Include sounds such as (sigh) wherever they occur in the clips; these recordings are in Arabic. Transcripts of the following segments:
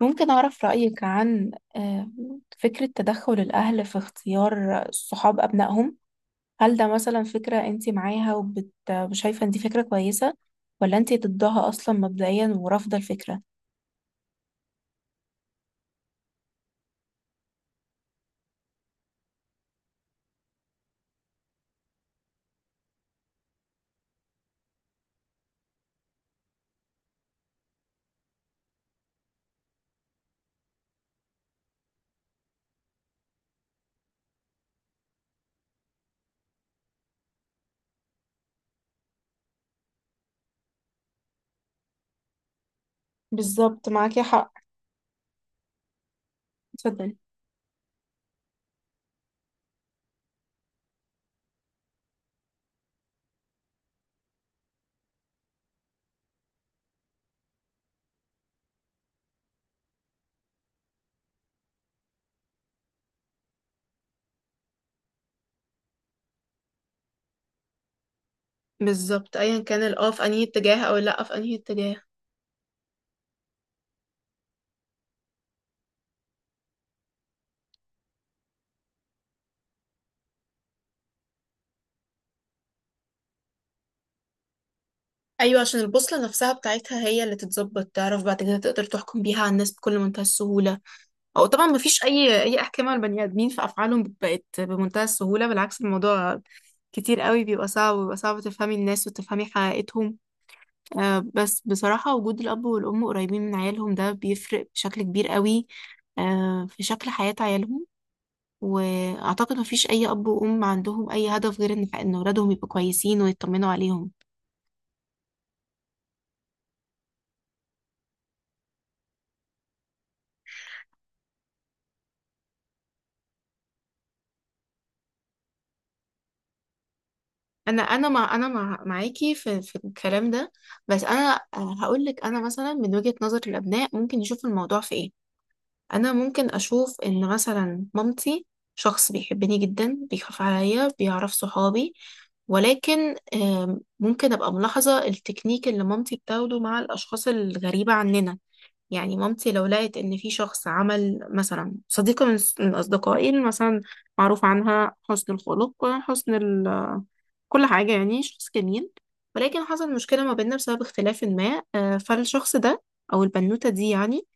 ممكن أعرف رأيك عن آه، فكرة تدخل الأهل في اختيار صحاب أبنائهم. هل ده مثلا فكرة أنت معاها وشايفة أن دي فكرة كويسة، ولا أنت ضدها أصلا مبدئيا ورافضة الفكرة؟ بالظبط، معاكي حق. اتفضلي. بالظبط، ايا كان الاه في انهي اتجاه او اللا في انهي اتجاه. ايوه، عشان البوصله نفسها بتاعتها هي اللي تتظبط، تعرف بعد كده تقدر تحكم بيها على الناس بكل منتهى السهوله. او طبعا ما فيش اي احكام على البني ادمين في افعالهم، بقت بمنتهى السهوله، بالعكس الموضوع كتير قوي بيبقى صعب، وبيبقى صعب تفهمي الناس وتفهمي حقيقتهم. بس بصراحه وجود الاب والام قريبين من عيالهم ده بيفرق بشكل كبير قوي في شكل حياه عيالهم. واعتقد ما فيش اي اب وام عندهم اي هدف غير ان اولادهم يبقوا كويسين ويطمنوا عليهم. انا مع معاكي في الكلام ده. بس انا هقول لك انا مثلا من وجهه نظر الابناء ممكن يشوف الموضوع في ايه. انا ممكن اشوف ان مثلا مامتي شخص بيحبني جدا، بيخاف عليا، بيعرف صحابي. ولكن ممكن ابقى ملاحظة التكنيك اللي مامتي بتاخده مع الاشخاص الغريبة عننا. يعني مامتي لو لقت ان في شخص عمل مثلا صديقة من اصدقائي مثلا، معروف عنها حسن الخلق، حسن ال كل حاجة، يعني شخص جميل. ولكن حصل مشكلة ما بيننا بسبب اختلاف ما، فالشخص ده أو البنوتة دي يعني،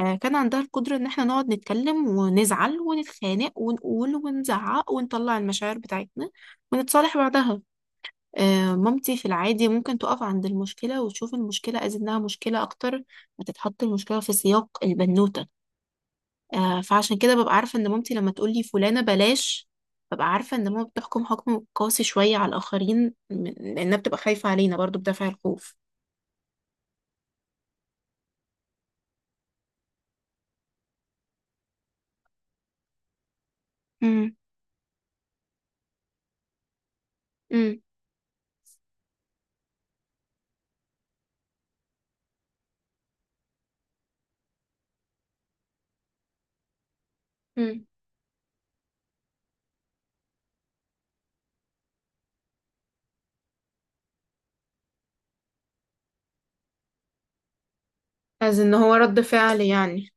كان عندها القدرة إن احنا نقعد نتكلم ونزعل ونتخانق ونقول ونزعق ونطلع المشاعر بتاعتنا ونتصالح بعدها. مامتي في العادي ممكن تقف عند المشكلة وتشوف المشكلة أز إنها مشكلة أكتر، ما تتحط المشكلة في سياق البنوتة. فعشان كده ببقى عارفة ان مامتي لما تقولي فلانة بلاش، ببقى عارفة ان ماما بتحكم حكم قاسي شوية على الآخرين، لأنها بتبقى خايفة علينا برضو بدافع الخوف. امم. امم. امم. از ان هو رد فعل يعني.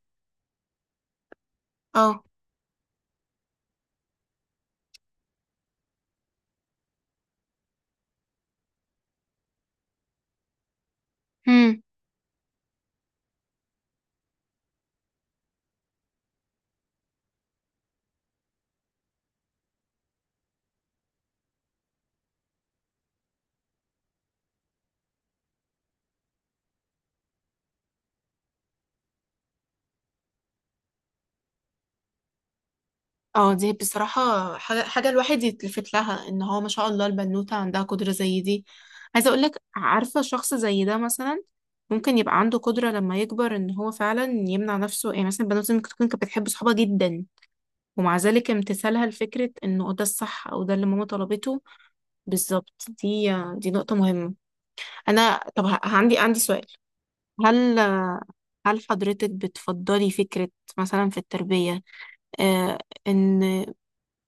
اه. امم. اه دي بصراحة حاجة الواحد يتلفت لها ان هو ما شاء الله البنوتة عندها قدرة زي دي. عايزة اقولك، عارفة شخص زي ده مثلا ممكن يبقى عنده قدرة لما يكبر ان هو فعلا يمنع نفسه، يعني مثلا البنوتة ممكن تكون كانت بتحب صحابها جدا، ومع ذلك امتثالها لفكرة انه ده الصح او ده اللي ماما طلبته. بالظبط دي نقطة مهمة. انا طب عندي سؤال. هل هل حضرتك بتفضلي فكرة مثلا في التربية، آه ان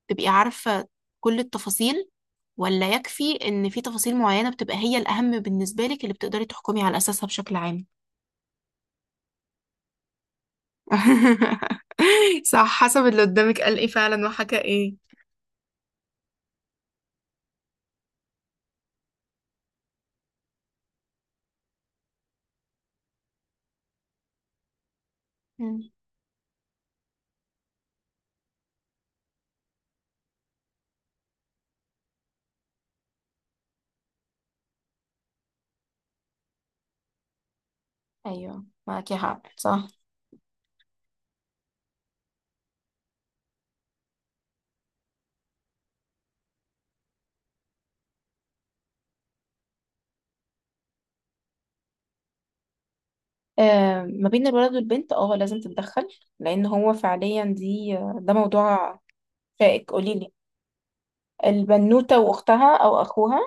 تبقي عارفة كل التفاصيل، ولا يكفي ان في تفاصيل معينة بتبقى هي الاهم بالنسبة لك اللي بتقدري تحكمي على اساسها بشكل عام؟ (laughs) صح، حسب اللي قدامك قال ايه فعلا وحكى ايه. مم. ايوه معاكي حق، صح. ما بين الولد والبنت اه لازم تتدخل. لان هو فعليا دي، ده موضوع شائك. قولي لي، البنوته واختها او اخوها.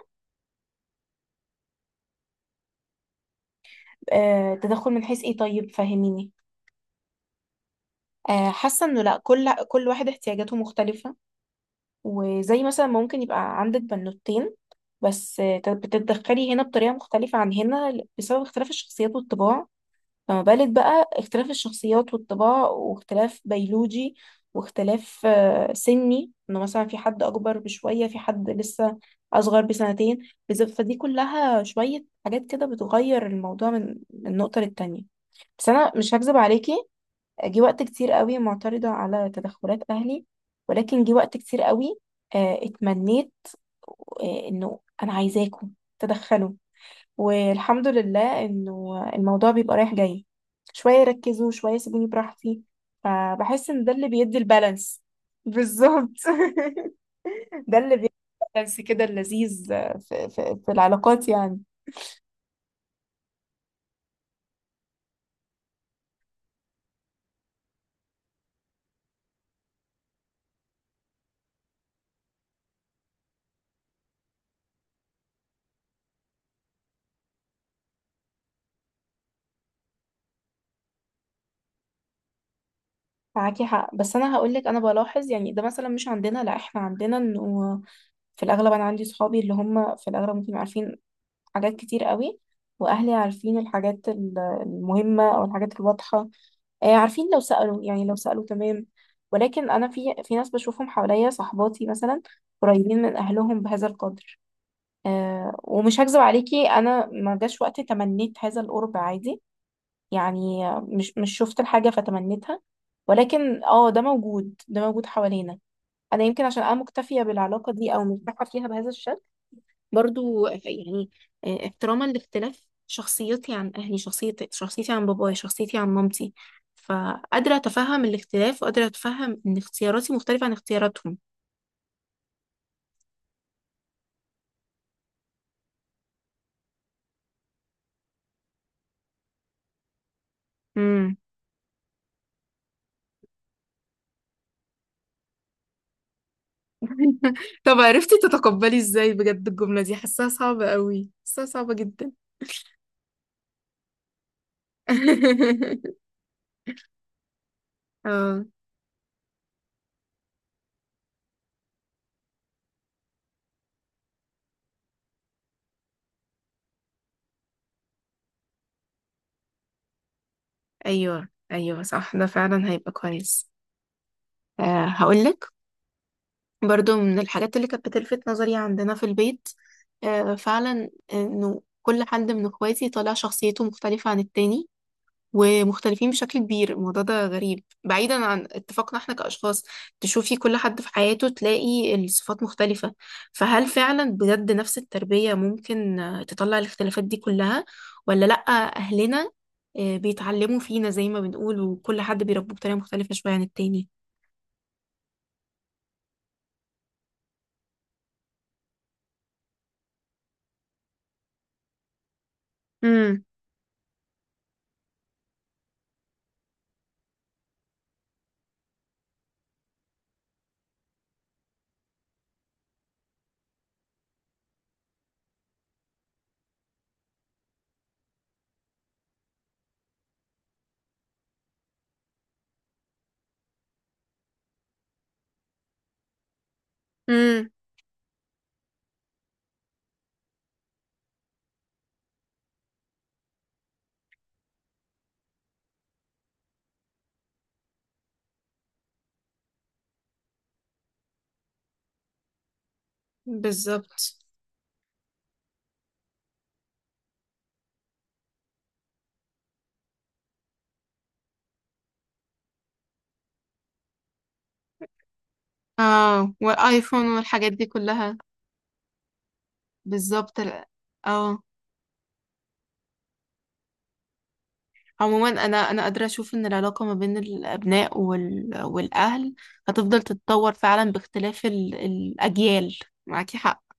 تدخل من حيث ايه؟ طيب فهميني. حاسه انه لا، كل واحد احتياجاته مختلفه. وزي مثلا ممكن يبقى عندك بنوتين، بس بتتدخلي هنا بطريقه مختلفه عن هنا بسبب اختلاف الشخصيات والطباع. فما بالك بقى اختلاف الشخصيات والطباع، واختلاف بيولوجي، واختلاف سني، انه مثلا في حد اكبر بشوية، في حد لسه اصغر بسنتين، فدي كلها شوية حاجات كده بتغير الموضوع من نقطة للتانية. بس انا مش هكذب عليكي، جه وقت كتير قوي معترضة على تدخلات اهلي، ولكن جه وقت كتير قوي اتمنيت انه انا عايزاكم تدخلوا. والحمد لله انه الموضوع بيبقى رايح جاي، شوية يركزوا شوية يسيبوني براحتي، فبحس ان ده اللي بيدي البالانس. بالظبط. (laughs) ده اللي بيدي البالانس كده اللذيذ في العلاقات يعني. معاكي حق، بس انا هقول لك انا بلاحظ، يعني ده مثلا مش عندنا، لا احنا عندنا انه في الاغلب انا عندي صحابي اللي هم في الاغلب ممكن يبقوا عارفين حاجات كتير قوي، واهلي عارفين الحاجات المهمه او الحاجات الواضحه، عارفين لو سالوا، يعني لو سالوا تمام. ولكن انا في ناس بشوفهم حواليا، صحباتي مثلا قريبين من اهلهم بهذا القدر، ومش هكذب عليكي، انا ما جاش وقت تمنيت هذا القرب عادي، يعني مش شفت الحاجه فتمنيتها، ولكن اه ده موجود، ده موجود حوالينا. انا يمكن عشان انا مكتفيه بالعلاقه دي او مرتاحه فيها بهذا الشكل برضو يعني، احتراما لاختلاف شخصيتي عن أهلي، شخصيتي عن بابايا، شخصيتي عن مامتي، فقادرة أتفهم الاختلاف وقادرة أتفهم إن اختياراتي مختلفة عن اختياراتهم. مم. (laughs) طب عرفتي تتقبلي إزاي؟ بجد الجملة دي حاساها صعبة قوي، حاساها صعبة جدا. (laughs) اه. ايوه ايوه صح، ده فعلا هيبقى كويس. أه هقولك، برضو من الحاجات اللي كانت بتلفت نظري عندنا في البيت، فعلا انه كل حد من اخواتي طالع شخصيته مختلفة عن التاني، ومختلفين بشكل كبير، الموضوع ده غريب بعيدا عن اتفاقنا احنا كأشخاص. تشوفي كل حد في حياته تلاقي الصفات مختلفة، فهل فعلا بجد نفس التربية ممكن تطلع الاختلافات دي كلها، ولا لأ؟ أهلنا بيتعلموا فينا زي ما بنقول، وكل حد بيربوه بطريقة مختلفة شوية عن التاني. امم. امم. بالظبط. اه والايفون والحاجات دي كلها. بالظبط اه. عموما انا قادره اشوف ان العلاقه ما بين الابناء والاهل هتفضل تتطور فعلا باختلاف الاجيال، معاكي حق.